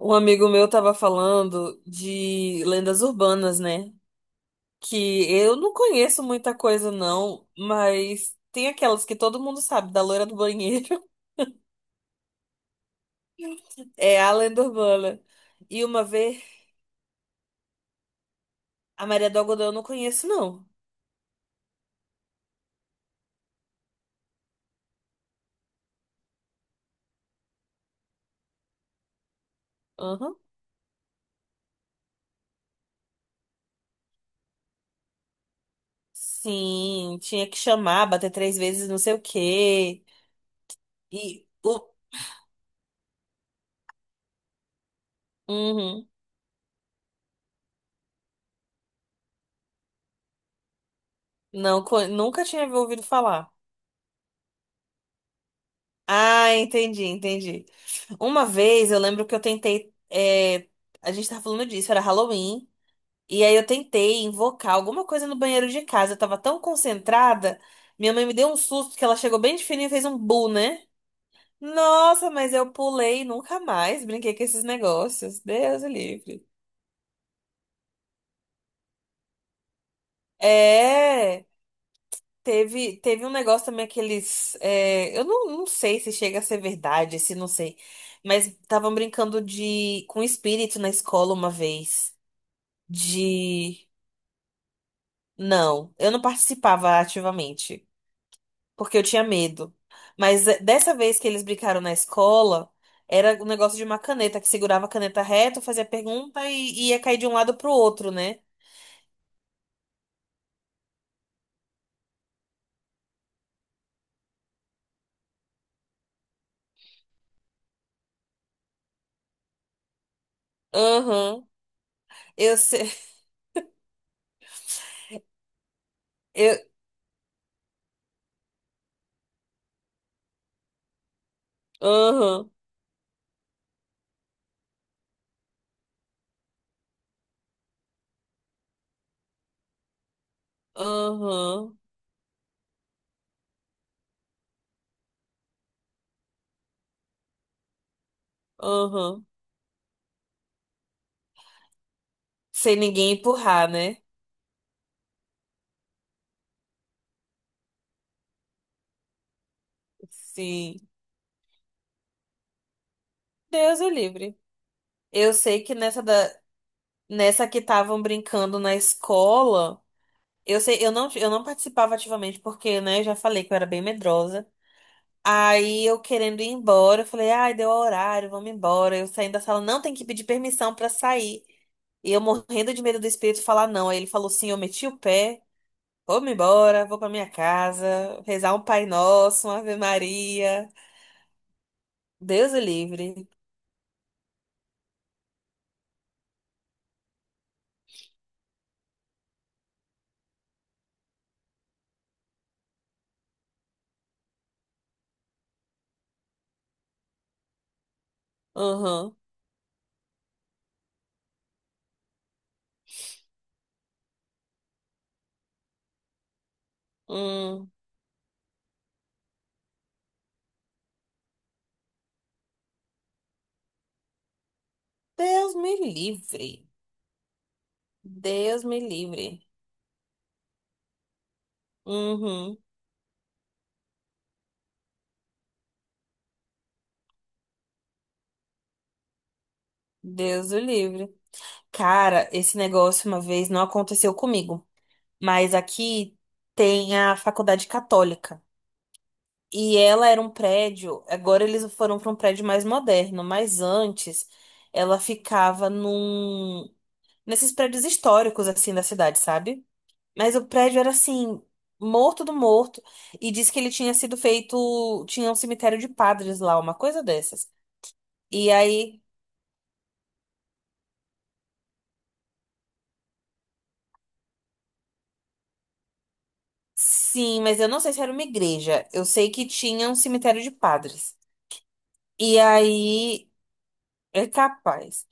Um amigo meu tava falando de lendas urbanas, né? Que eu não conheço muita coisa, não, mas tem aquelas que todo mundo sabe, da loira do banheiro. É a lenda urbana. E uma vez, a Maria do Algodão eu não conheço, não. Aham. Sim, tinha que chamar, bater três vezes, não sei o quê. E. Uhum. Não, nunca tinha ouvido falar. Ah, entendi, entendi. Uma vez eu lembro que eu tentei. A gente tava falando disso, era Halloween. E aí eu tentei invocar alguma coisa no banheiro de casa. Eu tava tão concentrada. Minha mãe me deu um susto que ela chegou bem de fininho e fez um bu, né? Nossa, mas eu pulei nunca mais. Brinquei com esses negócios. Deus o livre. É. Teve um negócio também, aqueles. Eu não sei se chega a ser verdade, se não sei. Mas estavam brincando de com espírito na escola uma vez. De. Não, eu não participava ativamente, porque eu tinha medo. Mas dessa vez que eles brincaram na escola, era o negócio de uma caneta, que segurava a caneta reta, fazia pergunta e ia cair de um lado pro outro, né? Aham. Eu sei. Eu, aham, aham, aham. Sem ninguém empurrar, né? Sim. Deus o livre. Eu sei que nessa que estavam brincando na escola, eu sei, eu não participava ativamente porque, né, eu já falei que eu era bem medrosa. Aí eu querendo ir embora, eu falei: "Ai, deu horário, vamos embora". Eu saindo da sala, não tem que pedir permissão pra sair. E eu morrendo de medo do espírito falar não. Aí ele falou sim, eu meti o pé, vou-me embora, vou pra minha casa, rezar um Pai Nosso, uma Ave Maria. Deus o livre. Hum. Deus me livre. Deus me livre. Uhum. Deus o livre. Cara, esse negócio uma vez não aconteceu comigo, mas aqui tem a faculdade católica. E ela era um prédio, agora eles foram para um prédio mais moderno, mas antes ela ficava num nesses prédios históricos assim da cidade, sabe? Mas o prédio era assim, morto do morto. E diz que ele tinha sido feito. Tinha um cemitério de padres lá, uma coisa dessas. E aí. Sim, mas eu não sei se era uma igreja. Eu sei que tinha um cemitério de padres. E aí. É capaz.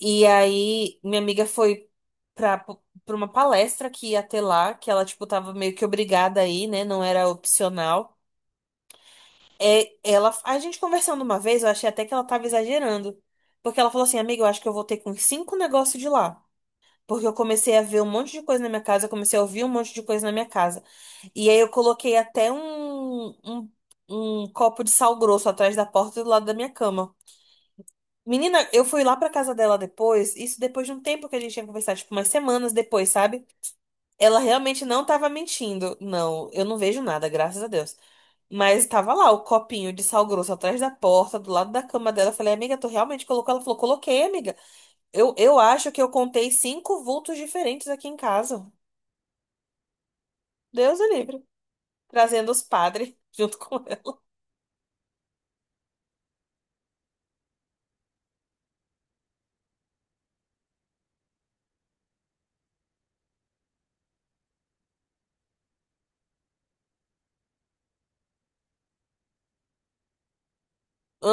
E aí, minha amiga foi pra, pra uma palestra que ia ter lá, que ela, tipo, tava meio que obrigada aí, né? Não era opcional. É, a gente conversando uma vez, eu achei até que ela tava exagerando. Porque ela falou assim, amiga, eu acho que eu voltei com cinco negócios de lá. Porque eu comecei a ver um monte de coisa na minha casa, eu comecei a ouvir um monte de coisa na minha casa. E aí eu coloquei até um copo de sal grosso atrás da porta do lado da minha cama. Menina, eu fui lá pra casa dela depois, isso depois de um tempo que a gente tinha conversado, tipo, umas semanas depois, sabe? Ela realmente não tava mentindo. Não, eu não vejo nada, graças a Deus. Mas tava lá o copinho de sal grosso atrás da porta, do lado da cama dela. Eu falei, amiga, tu realmente colocou? Ela falou, coloquei, amiga. Eu acho que eu contei cinco vultos diferentes aqui em casa. Deus o livre. Trazendo os padres junto com ela.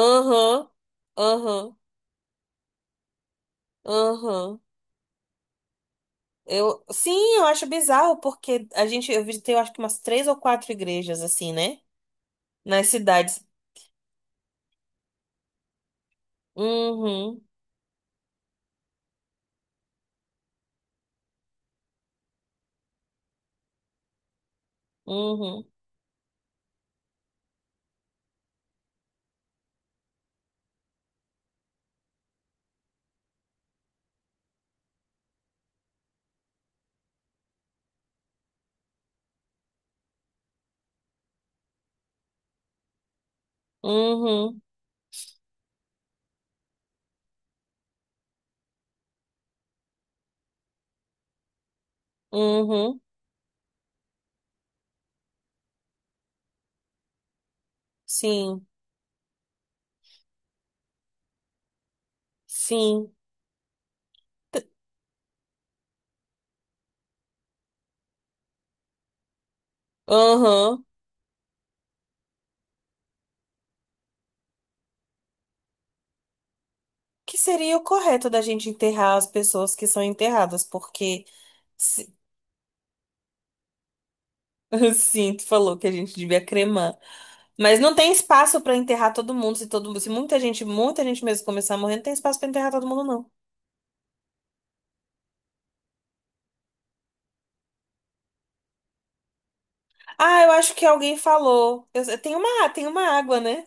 Aham, aham, aham. Sim, eu acho bizarro, porque a gente, eu visitei, eu acho que umas três ou quatro igrejas, assim, né? Nas cidades. Uhum, uhum, uhum. Uhum, sim, sim. T- Uhum. Que seria o correto da gente enterrar as pessoas que são enterradas, porque se- sim, tu falou que a gente devia cremar. Mas não tem espaço pra enterrar todo mundo, se muita gente, muita gente mesmo começar a morrer, não tem espaço pra enterrar todo mundo, não. Ah, eu acho que alguém falou. Tem uma água, né?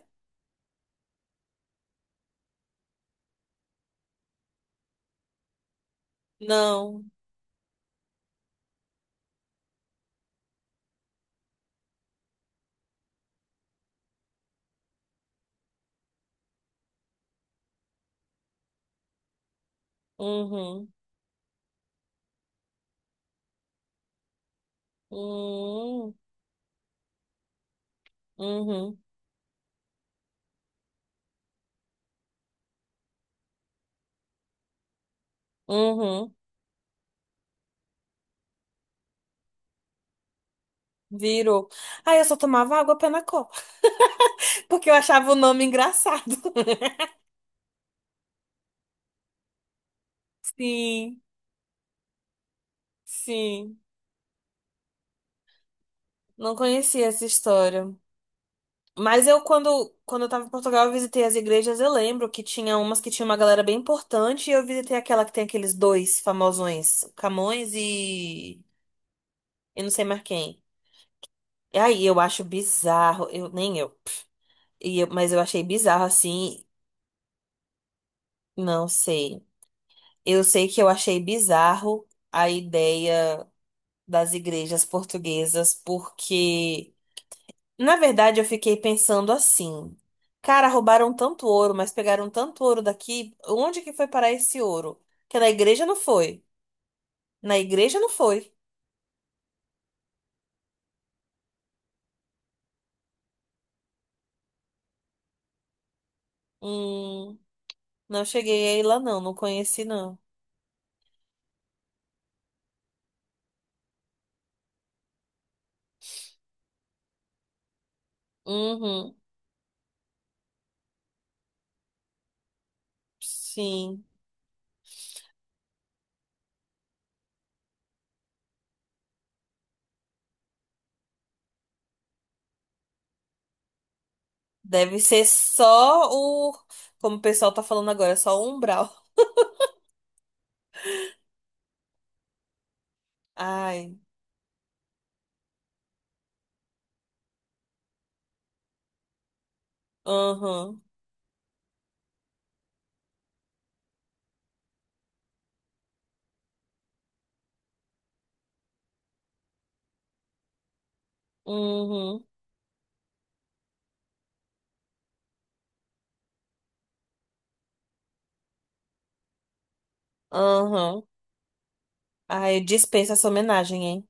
Não. Uhum. Uhum. Uhum. Uhum. Virou. Ah, eu só tomava água pé na copa. Porque eu achava o nome engraçado. Sim, sim. Não conhecia essa história. Mas eu, quando eu tava em Portugal, eu visitei as igrejas. Eu lembro que tinha umas que tinha uma galera bem importante. E eu visitei aquela que tem aqueles dois famosões, Camões e. Eu não sei mais quem. E aí eu acho bizarro. Nem eu. Mas eu achei bizarro assim. Não sei. Eu sei que eu achei bizarro a ideia das igrejas portuguesas, porque. Na verdade, eu fiquei pensando assim: cara, roubaram tanto ouro, mas pegaram tanto ouro daqui. Onde que foi parar esse ouro? Que na igreja não foi. Na igreja não foi. Hum, não cheguei aí lá, não. Não conheci, não. Uhum, sim. Deve ser só o. Como o pessoal tá falando agora, só o umbral. Ai. Uhum, uhum, uhum. Ai, eu dispenso essa homenagem, hein?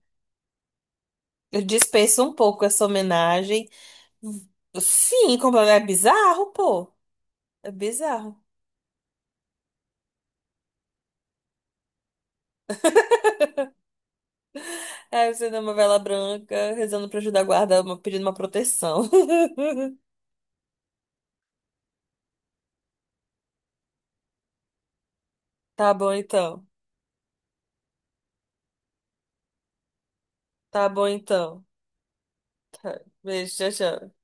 Eu dispenso um pouco essa homenagem. Sim, completamente. É bizarro, pô. É bizarro. Aí você dá uma vela branca, rezando pra ajudar a guarda, pedindo uma proteção. Tá bom então. Tá bom então. Beijo, tchau, tchau.